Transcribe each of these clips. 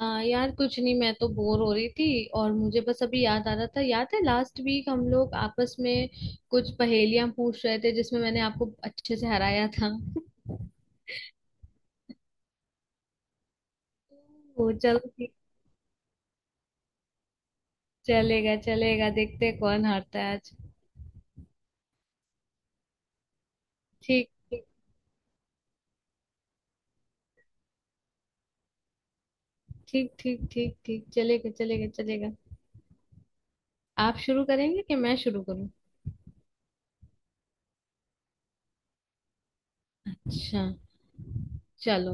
यार कुछ नहीं, मैं तो बोर हो रही थी और मुझे बस अभी याद आ रहा था। याद है लास्ट वीक हम लोग आपस में कुछ पहेलियां पूछ रहे थे जिसमें मैंने आपको अच्छे से हराया था। ओ चलो, ठीक। चलेगा चलेगा, देखते हैं कौन हारता है आज। ठीक, ठीक, ठीक, ठीक, ठीक, ठीक। चलेगा चलेगा चलेगा। आप शुरू करेंगे कि मैं शुरू करूं? अच्छा। चलो।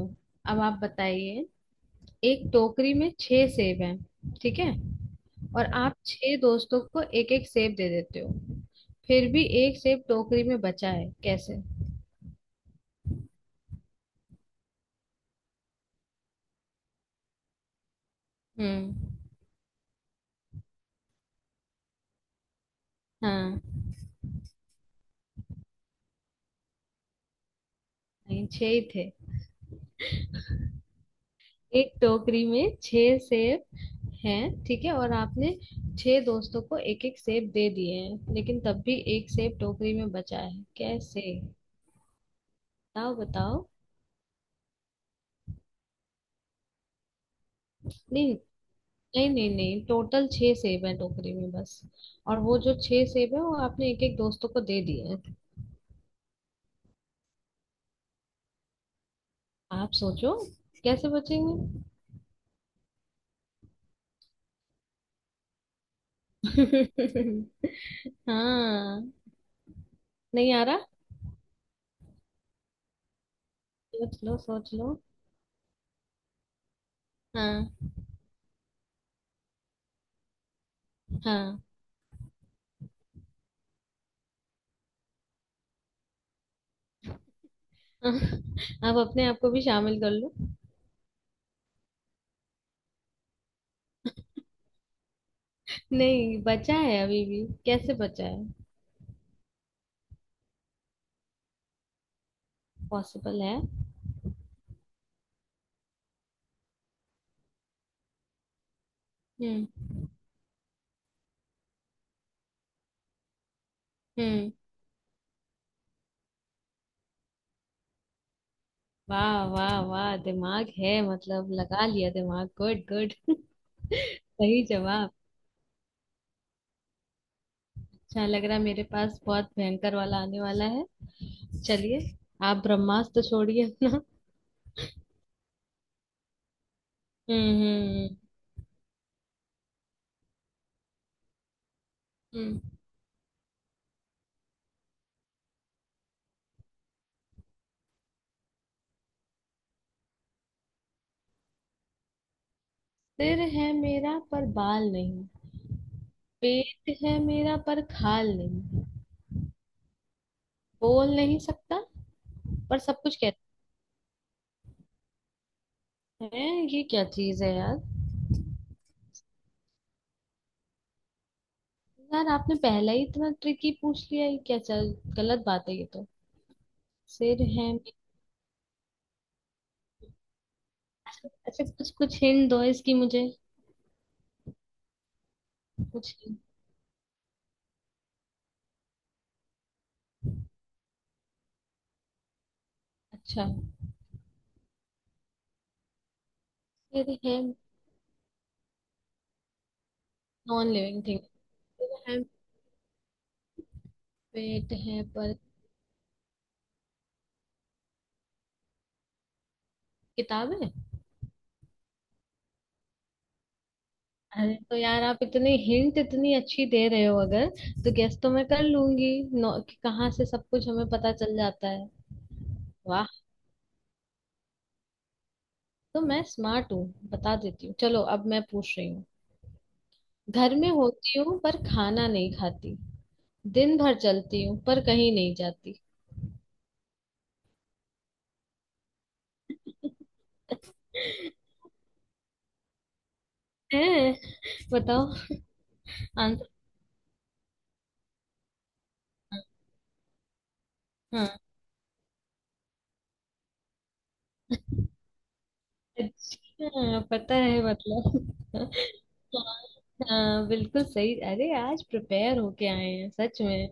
अब आप बताइए। एक टोकरी में छह सेब हैं, ठीक है। और आप छह दोस्तों को एक एक सेब दे देते हो, फिर भी एक सेब टोकरी में बचा है, कैसे? हम्म। हाँ। नहीं, छह ही थे। एक टोकरी में छह सेब हैं, ठीक है। और आपने छह दोस्तों को एक एक सेब दे दिए हैं, लेकिन तब भी एक सेब टोकरी में बचा है, कैसे? बताओ बताओ। नहीं, नहीं, नहीं, नहीं, टोटल छह सेब है टोकरी में बस। और वो जो छह सेब है वो आपने एक एक दोस्तों को दे दिए हैं। आप सोचो, कैसे बचेंगे? हाँ, नहीं आ रहा। सोच लो सोच लो। हाँ। हाँ। आप अपने आप को भी शामिल कर लो। नहीं बचा है अभी भी, कैसे बचा है? पॉसिबल है। हम्म। हम्म। वाह वाह वाह, दिमाग है, मतलब लगा लिया दिमाग, गुड गुड। सही जवाब। अच्छा लग रहा है, मेरे पास बहुत भयंकर वाला आने वाला है। चलिए, आप ब्रह्मास्त्र छोड़िए अपना। हम्म। हम्म। हम्म। सिर है मेरा पर बाल नहीं, पेट है मेरा पर खाल नहीं है, बोल नहीं सकता पर सब कुछ कहता है। ये क्या चीज है यार? यार आपने पहला ही इतना ट्रिकी पूछ लिया, ये क्या, चल गलत बात है ये तो। सिर है मे- अच्छा, कुछ कुछ हिंट दो इसकी मुझे। कुछ hint। अच्छा। सिर है। Non living thing. सिर है, पेट है पर, किताब है! अरे तो यार, आप इतने हिंट इतनी अच्छी दे रहे हो अगर, तो गेस तो मैं कर लूंगी। नौ- कि कहाँ से सब कुछ हमें पता चल जाता है। वाह। तो मैं स्मार्ट हूँ, बता देती हूँ। चलो अब मैं पूछ रही हूँ। घर में होती हूँ पर खाना नहीं खाती, दिन भर चलती हूँ पर कहीं नहीं जाती। है? बताओ। आंसर। हाँ। अच्छा, पता है मतलब। हाँ। हाँ, बिल्कुल सही। अरे आज प्रिपेयर होके आए हैं सच में।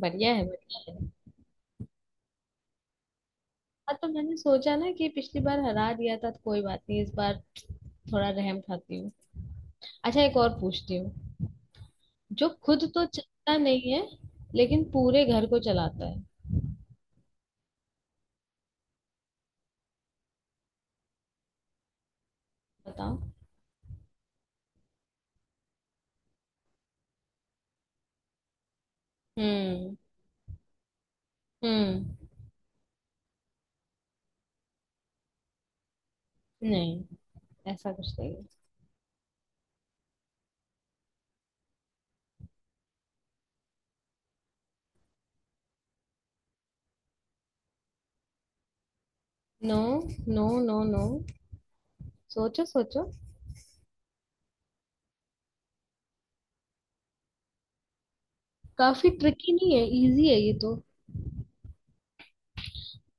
बढ़िया है बढ़िया है। हाँ तो मैंने सोचा ना कि पिछली बार हरा दिया था तो कोई बात नहीं, इस बार थोड़ा रहम खाती हूँ। अच्छा, एक और पूछती हूँ। जो खुद तो चलता नहीं है, लेकिन पूरे घर को चलाता है। बताओ। हम्म। हम्म। नहीं, ऐसा कुछ नहीं है। No, no, no, no. सोचो सोचो। काफी ट्रिकी नहीं है, इजी है ये तो।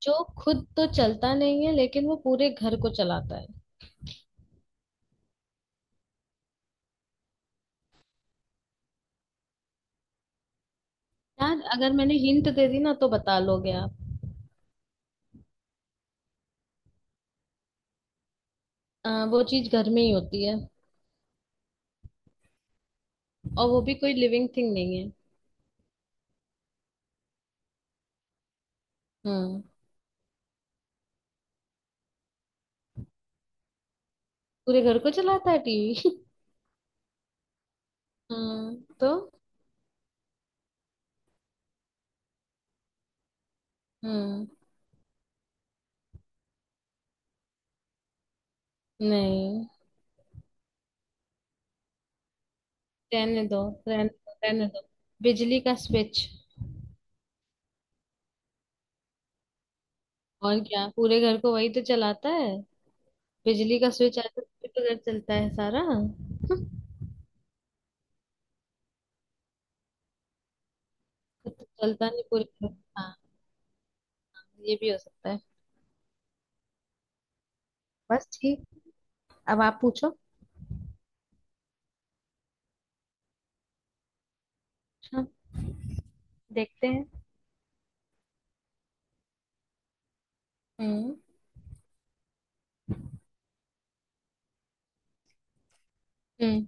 जो खुद तो चलता नहीं है लेकिन वो पूरे घर को चलाता है। यार अगर मैंने हिंट दे दी ना तो बता लोगे आप। वो चीज घर में ही होती है। और वो भी कोई लिविंग थिंग नहीं है। हम्म। पूरे घर को चलाता है टीवी? तो। हम्म। नहीं, रहने दो, रहने दो, रहने दो। बिजली का स्विच। और क्या, पूरे घर को वही तो चलाता है। बिजली का स्विच आता है तभी तो पूरे घर चलता है सारा। तो चलता नहीं पूरे घर को। हाँ, ये भी हो सकता है। बस, ठीक। अब आप पूछो। अच्छा। देखते हैं। हम्म। हम्म।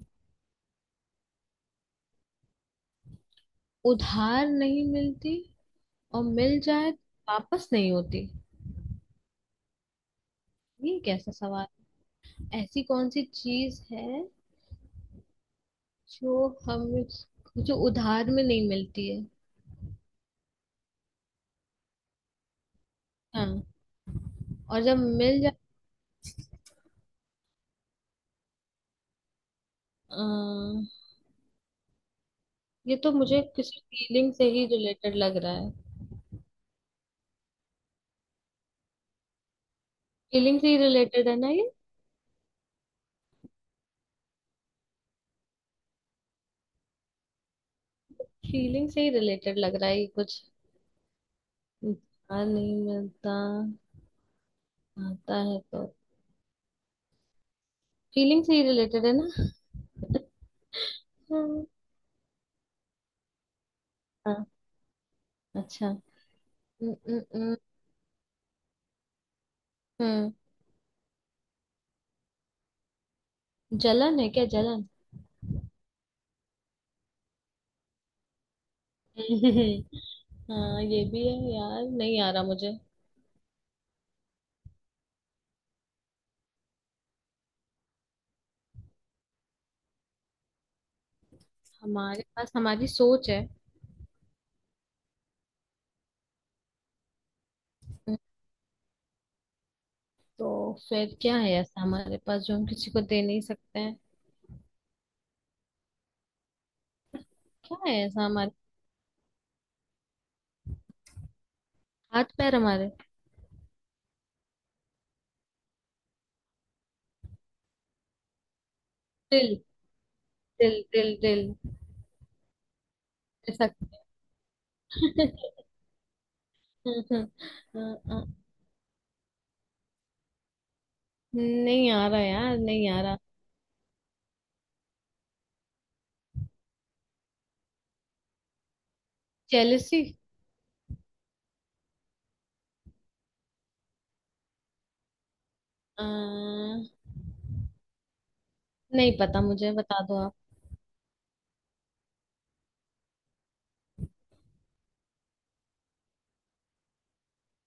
उधार नहीं मिलती, और मिल जाए तो वापस नहीं होती। ये कैसा सवाल? ऐसी कौन सी चीज है जो हमें, जो उधार में नहीं मिलती है। हाँ। और जब मिल जाए। अम्म, ये तो मुझे किसी फीलिंग से ही रिलेटेड लग रहा है। फीलिंग से ही रिलेटेड है ना ये? फीलिंग से ही रिलेटेड लग रहा है ये कुछ। आ नहीं मिलता, आता है तो, फीलिंग से ही रिलेटेड है ना? हम्म, हाँ। अच्छा। न, न, न, न, जलन है क्या, जलन? हाँ ये भी है, यार नहीं आ रहा मुझे। हमारे पास हमारी सोच है। तो फिर क्या है ऐसा हमारे पास जो हम किसी को दे नहीं सकते हैं? क्या है ऐसा हमारे, हाथ पैर हमारे। दिल, दिल, दिल, दिल। ऐसा? नहीं आ रहा यार, नहीं आ रहा। जेलसी। नहीं पता, मुझे बता दो आप।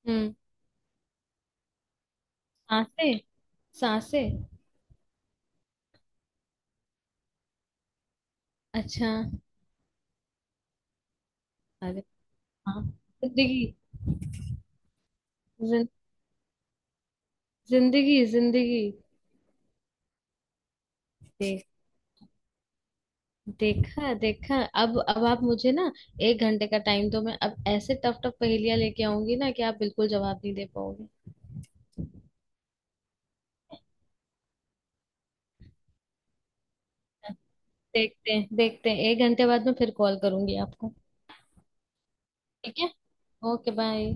हम्म। सांसे। सांसे। अच्छा। अरे। हाँ। जिंदगी। जिन- जिंदगी, जिंदगी। देख- देखा, देखा। अब आप मुझे ना, एक घंटे का टाइम दो, मैं अब ऐसे टफ टफ पहेलियां लेके आऊंगी ना कि आप बिल्कुल जवाब नहीं दे पाओगे। देखते हैं देखते हैं, एक घंटे बाद में फिर कॉल करूंगी आपको। ठीक है। Okay bye.